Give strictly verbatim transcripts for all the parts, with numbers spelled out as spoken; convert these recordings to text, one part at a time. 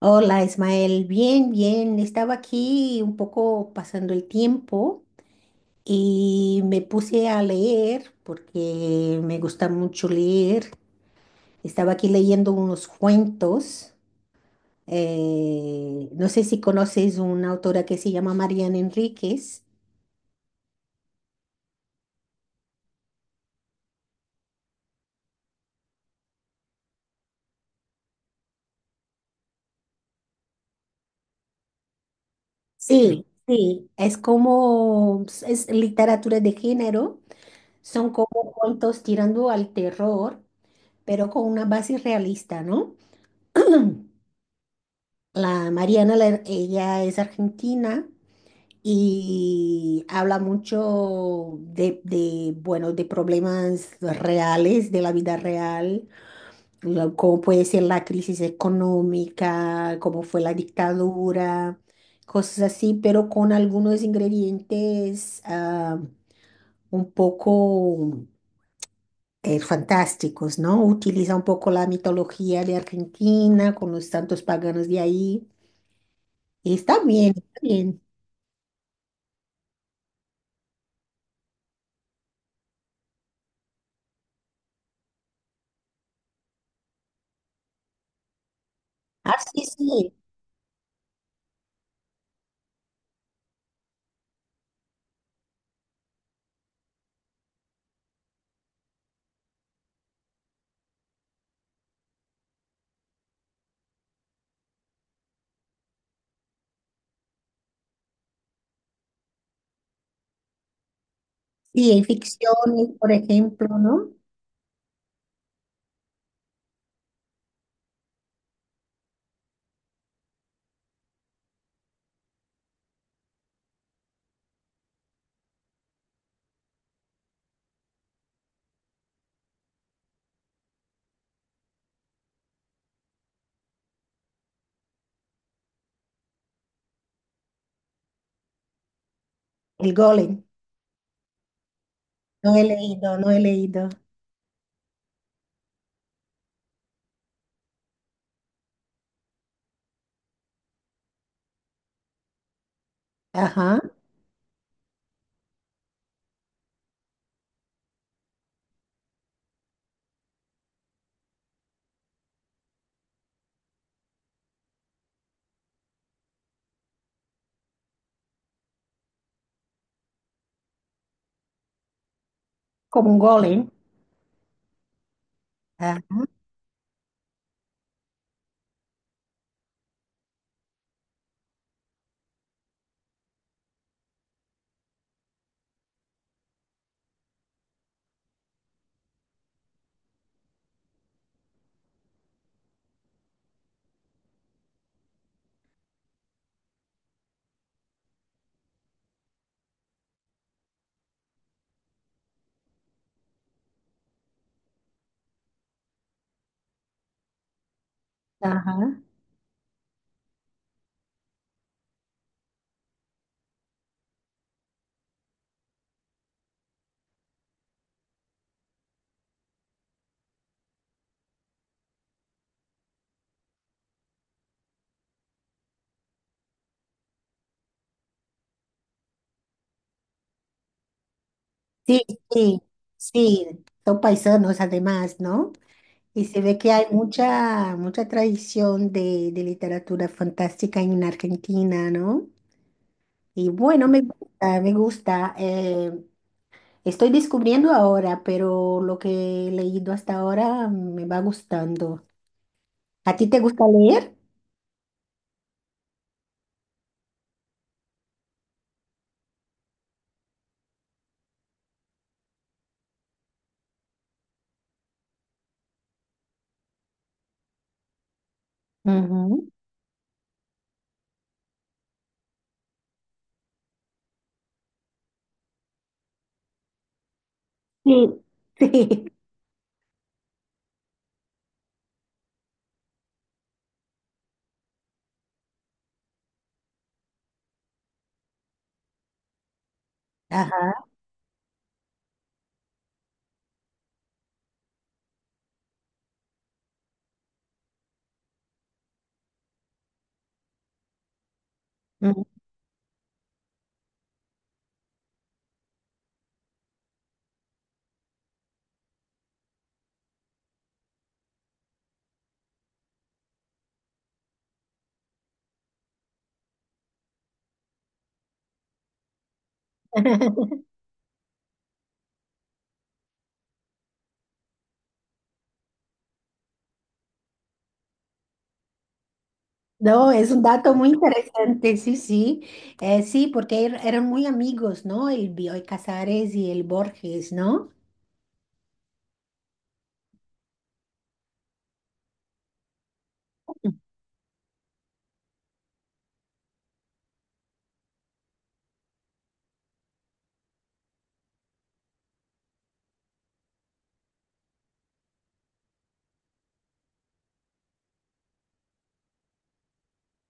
Hola Ismael, bien, bien. Estaba aquí un poco pasando el tiempo y me puse a leer porque me gusta mucho leer. Estaba aquí leyendo unos cuentos. Eh, no sé si conoces una autora que se llama Mariana Enríquez. Sí, sí, sí. Es como, es literatura de género. Son como cuentos tirando al terror, pero con una base realista, ¿no? La Mariana, la- ella es argentina y habla mucho de, de, bueno, de problemas reales, de la vida real, lo- cómo puede ser la crisis económica, cómo fue la dictadura, cosas así, pero con algunos ingredientes ah, un poco eh, fantásticos, ¿no? Utiliza un poco la mitología de Argentina con los santos paganos de ahí. Y está bien. está Bien. Ah, sí, sí, sí, hay ficciones, por ejemplo, ¿no? El golem, no he leído, no he leído. Ajá, como un golem. Ajá, ajá. Sí, sí, sí, son paisanos además, ¿no? Y se ve que hay mucha, mucha tradición de, de literatura fantástica en Argentina, ¿no? Y bueno, me gusta, me gusta. Eh, estoy descubriendo ahora, pero lo que he leído hasta ahora me va gustando. ¿A ti te gusta leer? Ujú. Sí. Sí, ajá. Ujú. No, es un dato muy interesante, sí, sí. Eh, sí, porque er- eran muy amigos, ¿no? El Bioy Casares y el Borges, ¿no?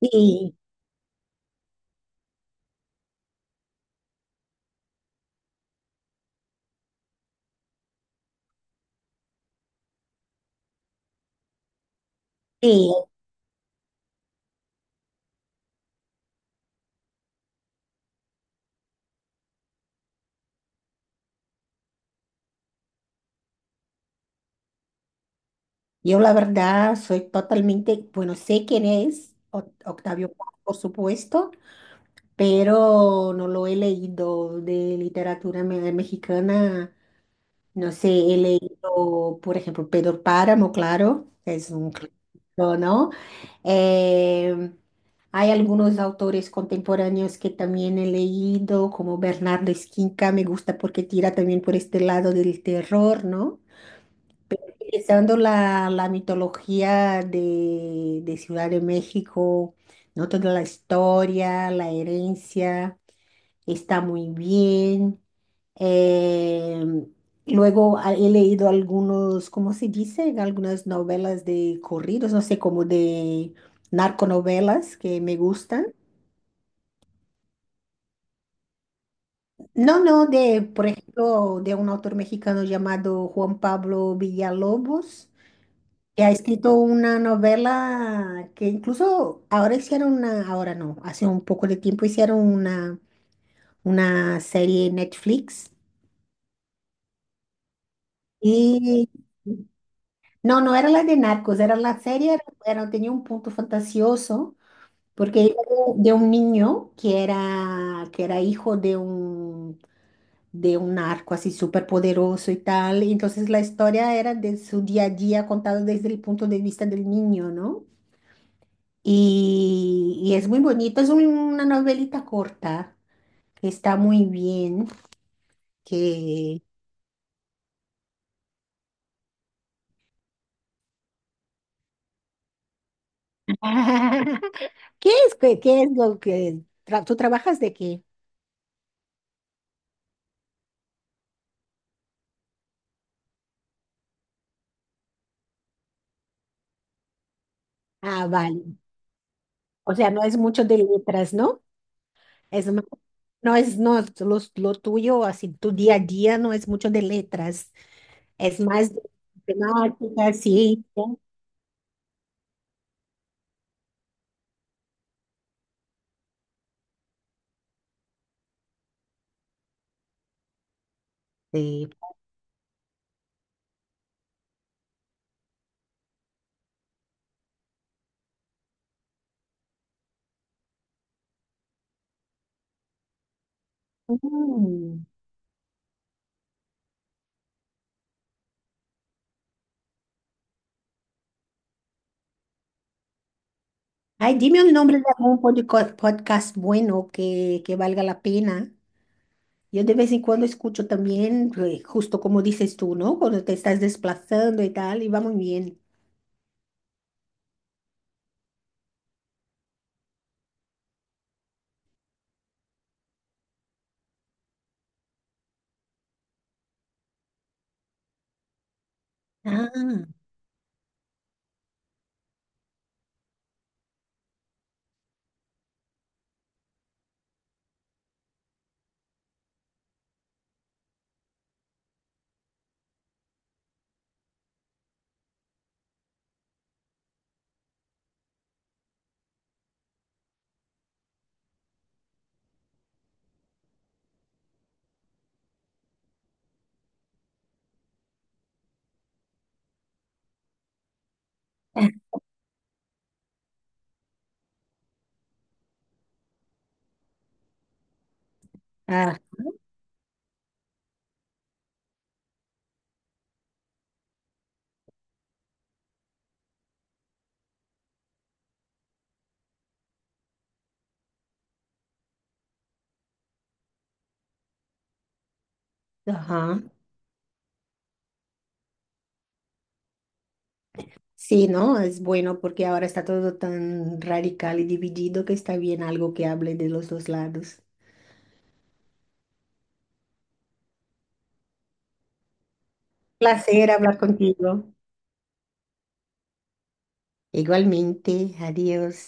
Sí, sí. Yo la verdad soy totalmente, bueno, sé quién es Oc- Octavio Paz, por supuesto, pero no lo he leído de literatura me- mexicana. No sé, he leído, por ejemplo, Pedro Páramo, claro, es un clásico, ¿no? Eh, hay algunos autores contemporáneos que también he leído, como Bernardo Esquinca, me gusta porque tira también por este lado del terror, ¿no? Utilizando la, la mitología de, de Ciudad de México, ¿no? Toda la historia, la herencia está muy bien. Em, Luego a- he leído algunos, ¿cómo se dice? Algunas novelas de corridos, no sé, como de narconovelas que me gustan. No, no, de, por ejemplo, de un autor mexicano llamado Juan Pablo Villalobos, que ha escrito una novela que incluso ahora hicieron una, ahora no, hace un poco de tiempo hicieron una, una serie en Netflix. Y no, no era la de Narcos, era la serie, era, era- tenía un punto fantasioso, porque iba de, de un niño que era, que era hijo de un, de un narco así súper poderoso y tal, y entonces la historia era de su día a día contado desde el punto de vista del niño, ¿no? Y, y es muy bonito, es un- una novelita corta, que está muy bien, que... ¿Qué es, qué, qué es lo que... tra- ¿Tú trabajas de qué? Ah, vale. O sea, no es mucho de letras, ¿no? Es, más- no es no, los- lo tuyo, así, tu día a día no es mucho de letras, es más de temática, ciencia. Sí. Mm. Ay, dime un nombre de algún podco- podcast bueno que, que valga la pena. Yo de vez en cuando escucho también, eh, justo como dices tú, ¿no? Cuando te estás desplazando y tal, y va muy bien. Ah, ah, ajá. Sí, ¿no? Es bueno porque ahora está todo tan radical y dividido que está bien algo que hable de los dos lados. Placer hablar contigo. Igualmente, adiós.